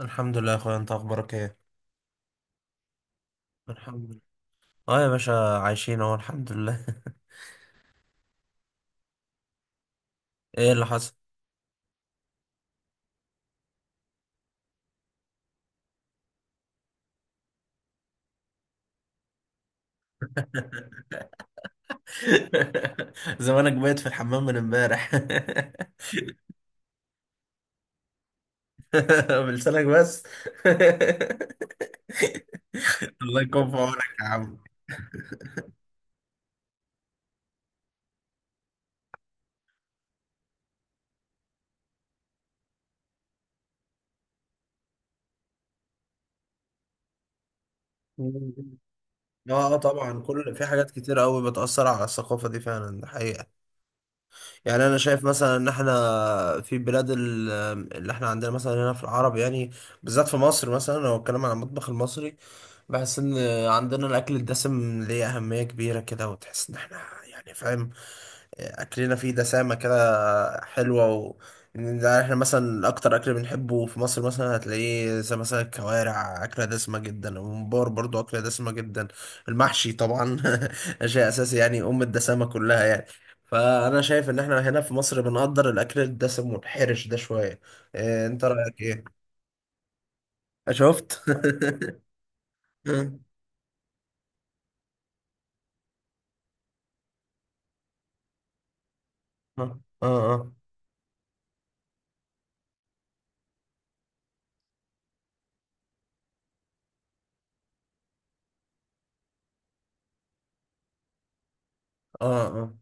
الحمد لله يا اخويا، انت اخبارك ايه؟ الحمد لله. اه، يا باشا عايشين اهو الحمد لله. ايه اللي حصل؟ زمانك بايت في الحمام من امبارح. بلسانك بس. الله يكون في عونك يا عم. اه، اه، طبعا كل في حاجات كتير قوي بتأثر على الثقافة دي، فعلا ده حقيقة. يعني انا شايف مثلا ان احنا في بلاد اللي احنا عندنا مثلا هنا في العرب، يعني بالذات في مصر. مثلا لو اتكلم عن المطبخ المصري، بحس ان عندنا الاكل الدسم ليه اهميه كبيره كده، وتحس ان احنا يعني فاهم، اكلنا فيه دسامه كده حلوه. و إن ده احنا مثلا اكتر اكل بنحبه في مصر، مثلا هتلاقيه زي مثلا الكوارع اكله دسمه جدا، الممبار برضو اكله دسمه جدا، المحشي طبعا. شيء اساسي، يعني ام الدسامه كلها يعني. فانا شايف ان احنا هنا في مصر بنقدر الاكل الدسم والحرش ده شويه. إيه، انت رايك ايه؟ شفت. اه، اه، اه، اه.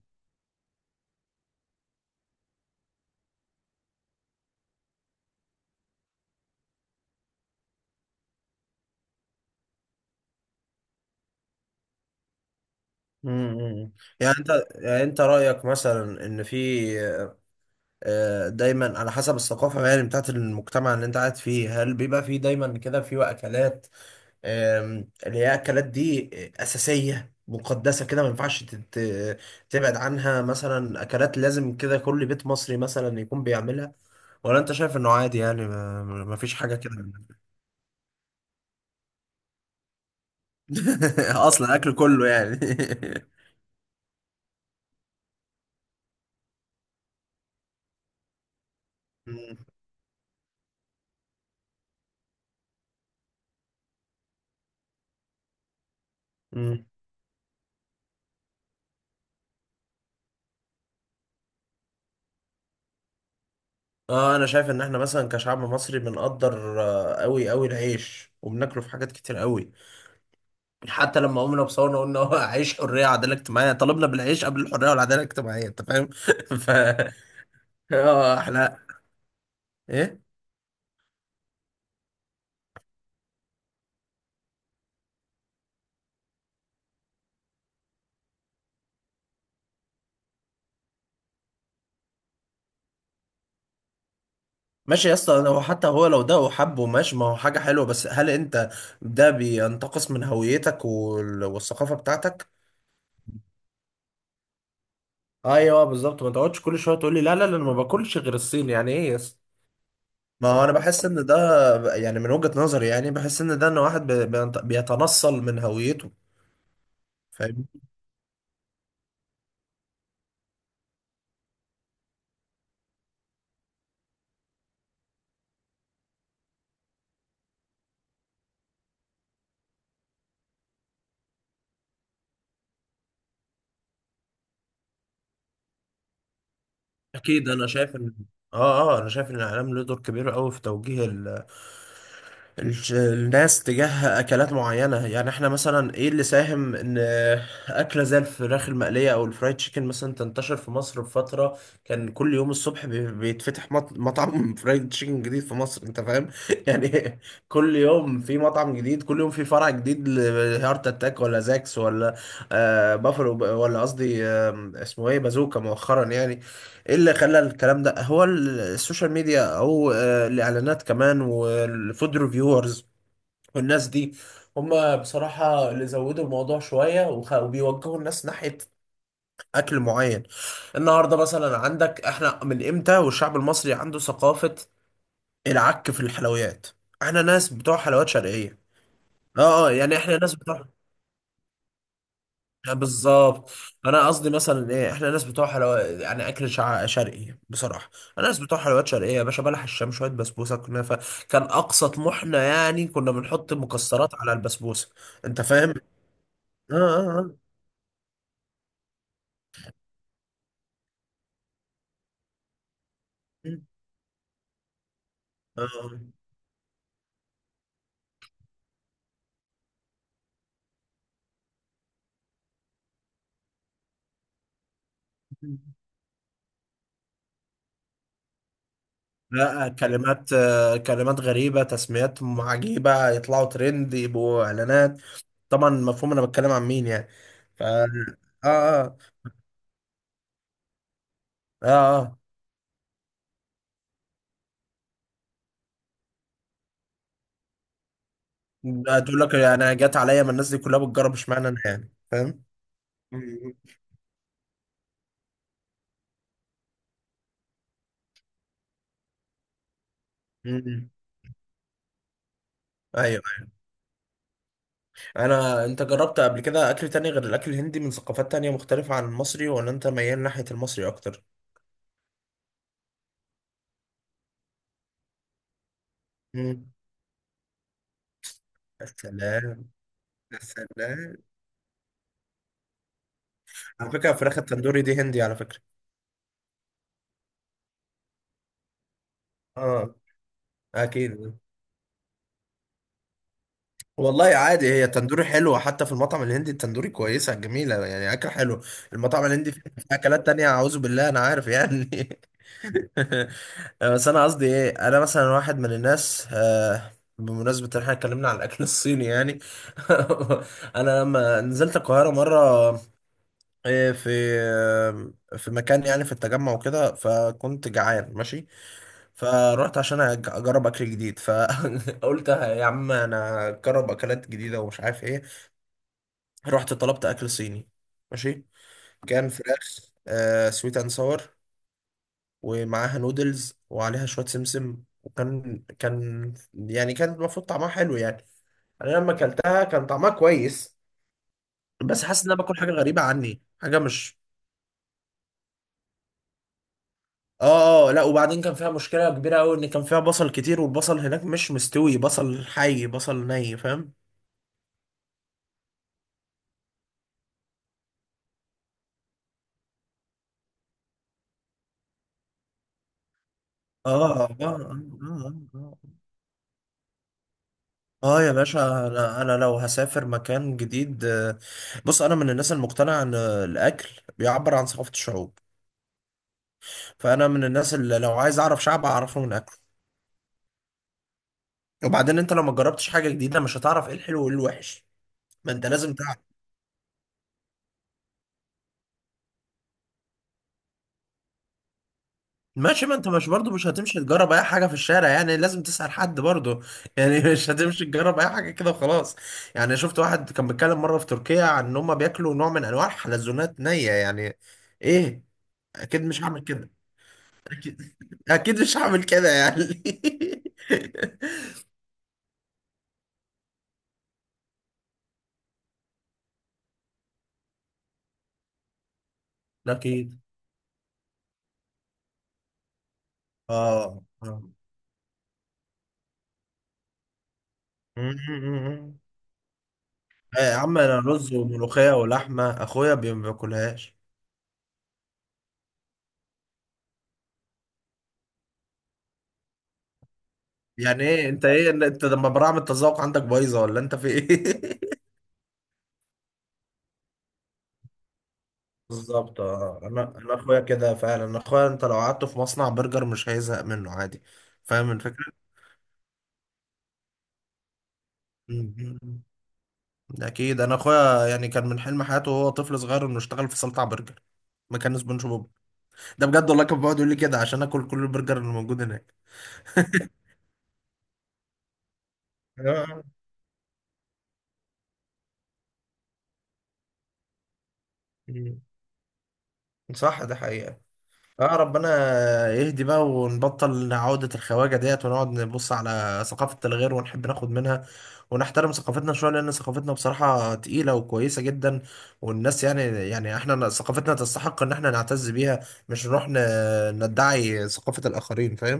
أمم، أمم. يعني انت يعني انت رأيك مثلا ان في دايما على حسب الثقافة، يعني بتاعت المجتمع اللي انت قاعد فيه. هل بيبقى في دايما كده في اكلات، اللي هي اكلات دي أساسية مقدسة كده ما ينفعش تبعد عنها؟ مثلا اكلات لازم كده كل بيت مصري مثلا يكون بيعملها، ولا انت شايف انه عادي؟ يعني ما فيش حاجة كده. اصلا اكل كله يعني. أمم. اه، انا شايف ان احنا مثلا كشعب مصري بنقدر، قوي قوي العيش وبناكله في حاجات كتير قوي. حتى لما قمنا بصورنا قلنا هو عيش حريه وعداله اجتماعيه، طلبنا بالعيش قبل الحريه والعداله الاجتماعيه، انت فاهم. ف اه احنا. ايه؟ ماشي يا اسطى، هو حتى هو لو ده وحبه ماشي، ما هو حاجه حلوه، بس هل انت ده بينتقص من هويتك والثقافه بتاعتك؟ ايوه بالظبط، ما تقعدش كل شويه تقول لي لا، لا، لا، انا ما باكلش غير الصين. يعني ايه يا اسطى؟ ما هو انا بحس ان ده، يعني من وجهة نظري يعني بحس ان ده ان واحد بيتنصل من هويته. فاهم. اكيد، انا شايف ان، اه، اه، انا شايف ان الاعلام له دور كبير قوي في توجيه الناس تجاه اكلات معينه. يعني احنا مثلا ايه اللي ساهم ان اكله زي الفراخ المقليه او الفرايد تشيكن مثلا تنتشر في مصر بفتره. كان كل يوم الصبح بيتفتح مطعم فرايد تشيكن جديد في مصر، انت فاهم. يعني كل يوم في مطعم جديد، كل يوم في فرع جديد، لهارت اتاك، ولا زاكس، ولا بافلو، ولا قصدي اسمه ايه، بازوكا مؤخرا يعني. ايه اللي خلى الكلام ده هو السوشيال ميديا، او الاعلانات كمان، والفود ريفيورز والناس دي، هم بصراحة اللي زودوا الموضوع شوية، وبيوجهوا الناس ناحية اكل معين. النهاردة مثلا عندك، احنا من امتى والشعب المصري عنده ثقافة العك في الحلويات. احنا ناس بتوع حلويات شرقية. اه، اه، يعني احنا ناس بتوع، آه، بالظبط. انا قصدي مثلا ايه، احنا ناس بتوع حلويات يعني اكل شرقي بصراحه. انا ناس بتوع حلويات شرقيه يا باشا، بلح الشام شويه بسبوسه كنافه. كان اقصى طموحنا، يعني كنا بنحط مكسرات على البسبوسه. انت فاهم. اه، اه، اه، آه. لا، كلمات غريبه، تسميات عجيبه، يطلعوا ترند يبقوا اعلانات. طبعا مفهوم انا بتكلم عن مين يعني. ف، اه، اه، اه، آه. تقول لك انا جت عليا، ما الناس دي كلها بتجرب اشمعنى انا، يعني فاهم. مم. امم، ايوه، أيوة. انت جربت قبل كده اكل تاني غير الاكل الهندي من ثقافات تانية مختلفة عن المصري، ولا انت ميال ناحية المصري اكتر؟ امم. يا سلام، يا سلام. على فكرة الفراخ التندوري دي هندي على فكرة. اه. اكيد. والله عادي، هي تندوري حلوة، حتى في المطعم الهندي التندوري كويسة جميلة، يعني أكل حلو. المطعم الهندي فيه أكلات تانية أعوذ بالله، أنا عارف يعني. بس أنا قصدي إيه، أنا مثلا واحد من الناس، بمناسبة إن إحنا اتكلمنا عن الأكل الصيني يعني. أنا لما نزلت القاهرة مرة، آه، في في مكان يعني في التجمع وكده، فكنت جعان ماشي. فروحت عشان اجرب اكل جديد، فقلت يا عم انا اجرب اكلات جديده ومش عارف ايه. رحت طلبت اكل صيني. ماشي. كان فراخ سويت اند ساور، ومعاها نودلز وعليها شويه سمسم، وكان يعني كان المفروض طعمها حلو يعني. انا لما اكلتها كان طعمها كويس. بس حاسس ان انا باكل حاجه غريبه عني، حاجه مش. اه، اه، لا، وبعدين كان فيها مشكله كبيره قوي ان كان فيها بصل كتير، والبصل هناك مش مستوي، بصل حي بصل ني، فاهم. اه، اه، اه، اه، اه، آه. يا باشا، انا لو هسافر مكان جديد، بص انا من الناس المقتنعه ان الاكل بيعبر عن ثقافه الشعوب. فانا من الناس اللي لو عايز اعرف شعب اعرفه من اكله. وبعدين انت لو ما جربتش حاجه جديده مش هتعرف ايه الحلو وايه الوحش. ما انت لازم تعرف. ماشي، ما انت مش برضو مش هتمشي تجرب اي حاجه في الشارع، يعني لازم تسال حد برضو. يعني مش هتمشي تجرب اي حاجه كده وخلاص. يعني شفت واحد كان بيتكلم مره في تركيا عن ان هم بياكلوا نوع من انواع الحلزونات نيه يعني. ايه؟ اكيد مش هعمل كده. اكيد اكيد مش هعمل كده يعني. أكيد، آه، آه، آه، يا عم أنا رز وملوخية ولحمة، أخويا ما بياكلهاش. يعني إيه أنت، إيه أنت لما براعم التذوق عندك بايظة، ولا أنت في إيه؟ بالظبط، اه، انا اخويا كده فعلا، انا اخويا انت لو قعدته في مصنع برجر مش هيزهق منه عادي. فاهم الفكره. مم. ده اكيد، انا اخويا يعني كان من حلم حياته وهو طفل صغير انه يشتغل في سلطع برجر، مكان سبونج بوب. ده بجد والله، كان بيقعد يقول لي كده عشان اكل كل البرجر اللي موجود هناك. آه. مم. صح، ده حقيقة. اه، ربنا يهدي بقى ونبطل عودة الخواجة ديت، ونقعد نبص على ثقافة الغير ونحب ناخد منها، ونحترم ثقافتنا شوية، لأن ثقافتنا بصراحة تقيلة وكويسة جدا. والناس يعني احنا ثقافتنا تستحق إن احنا نعتز بيها، مش نروح ندعي ثقافة الآخرين، فاهم؟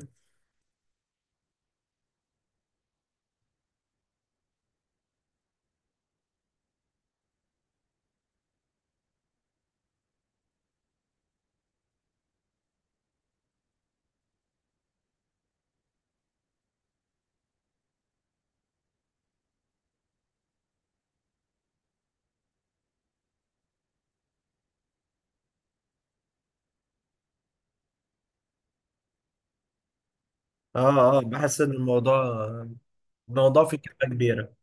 اه، اه، بحس إن الموضوع فيه كلمة كبيرة.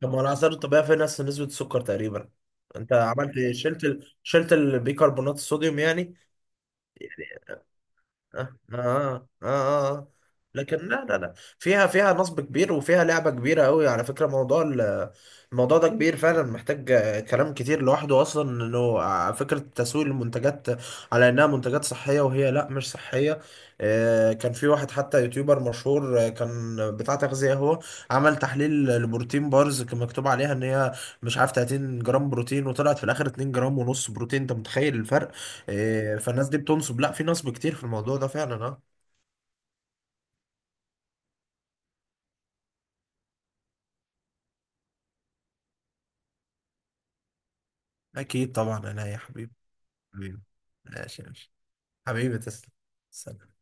طب ما الآثار الطبيعية فيها نفس نسبة السكر تقريبا. انت عملت إيه؟ شلت البيكربونات الصوديوم يعني. آه، آه، آه، آه، اه. لكن لا، لا، لا، فيها نصب كبير، وفيها لعبة كبيرة قوي، على فكرة موضوع الموضوع ده كبير فعلا، محتاج كلام كتير لوحده، أصلا إنه فكرة تسويق المنتجات على إنها منتجات صحية، وهي لا، مش صحية. كان في واحد حتى يوتيوبر مشهور، كان بتاع تغذية، هو عمل تحليل لبروتين بارز كان مكتوب عليها إن هي مش عارف 30 جرام بروتين، وطلعت في الآخر 2 جرام ونص بروتين، أنت متخيل. إيه، فالناس دي بتنصب، لا في نصب كتير في الموضوع ده فعلا، اه. اكيد طبعا انا يا حبيبي. حبيبي. ماشي، ماشي. حبيبي تسلم. سلام.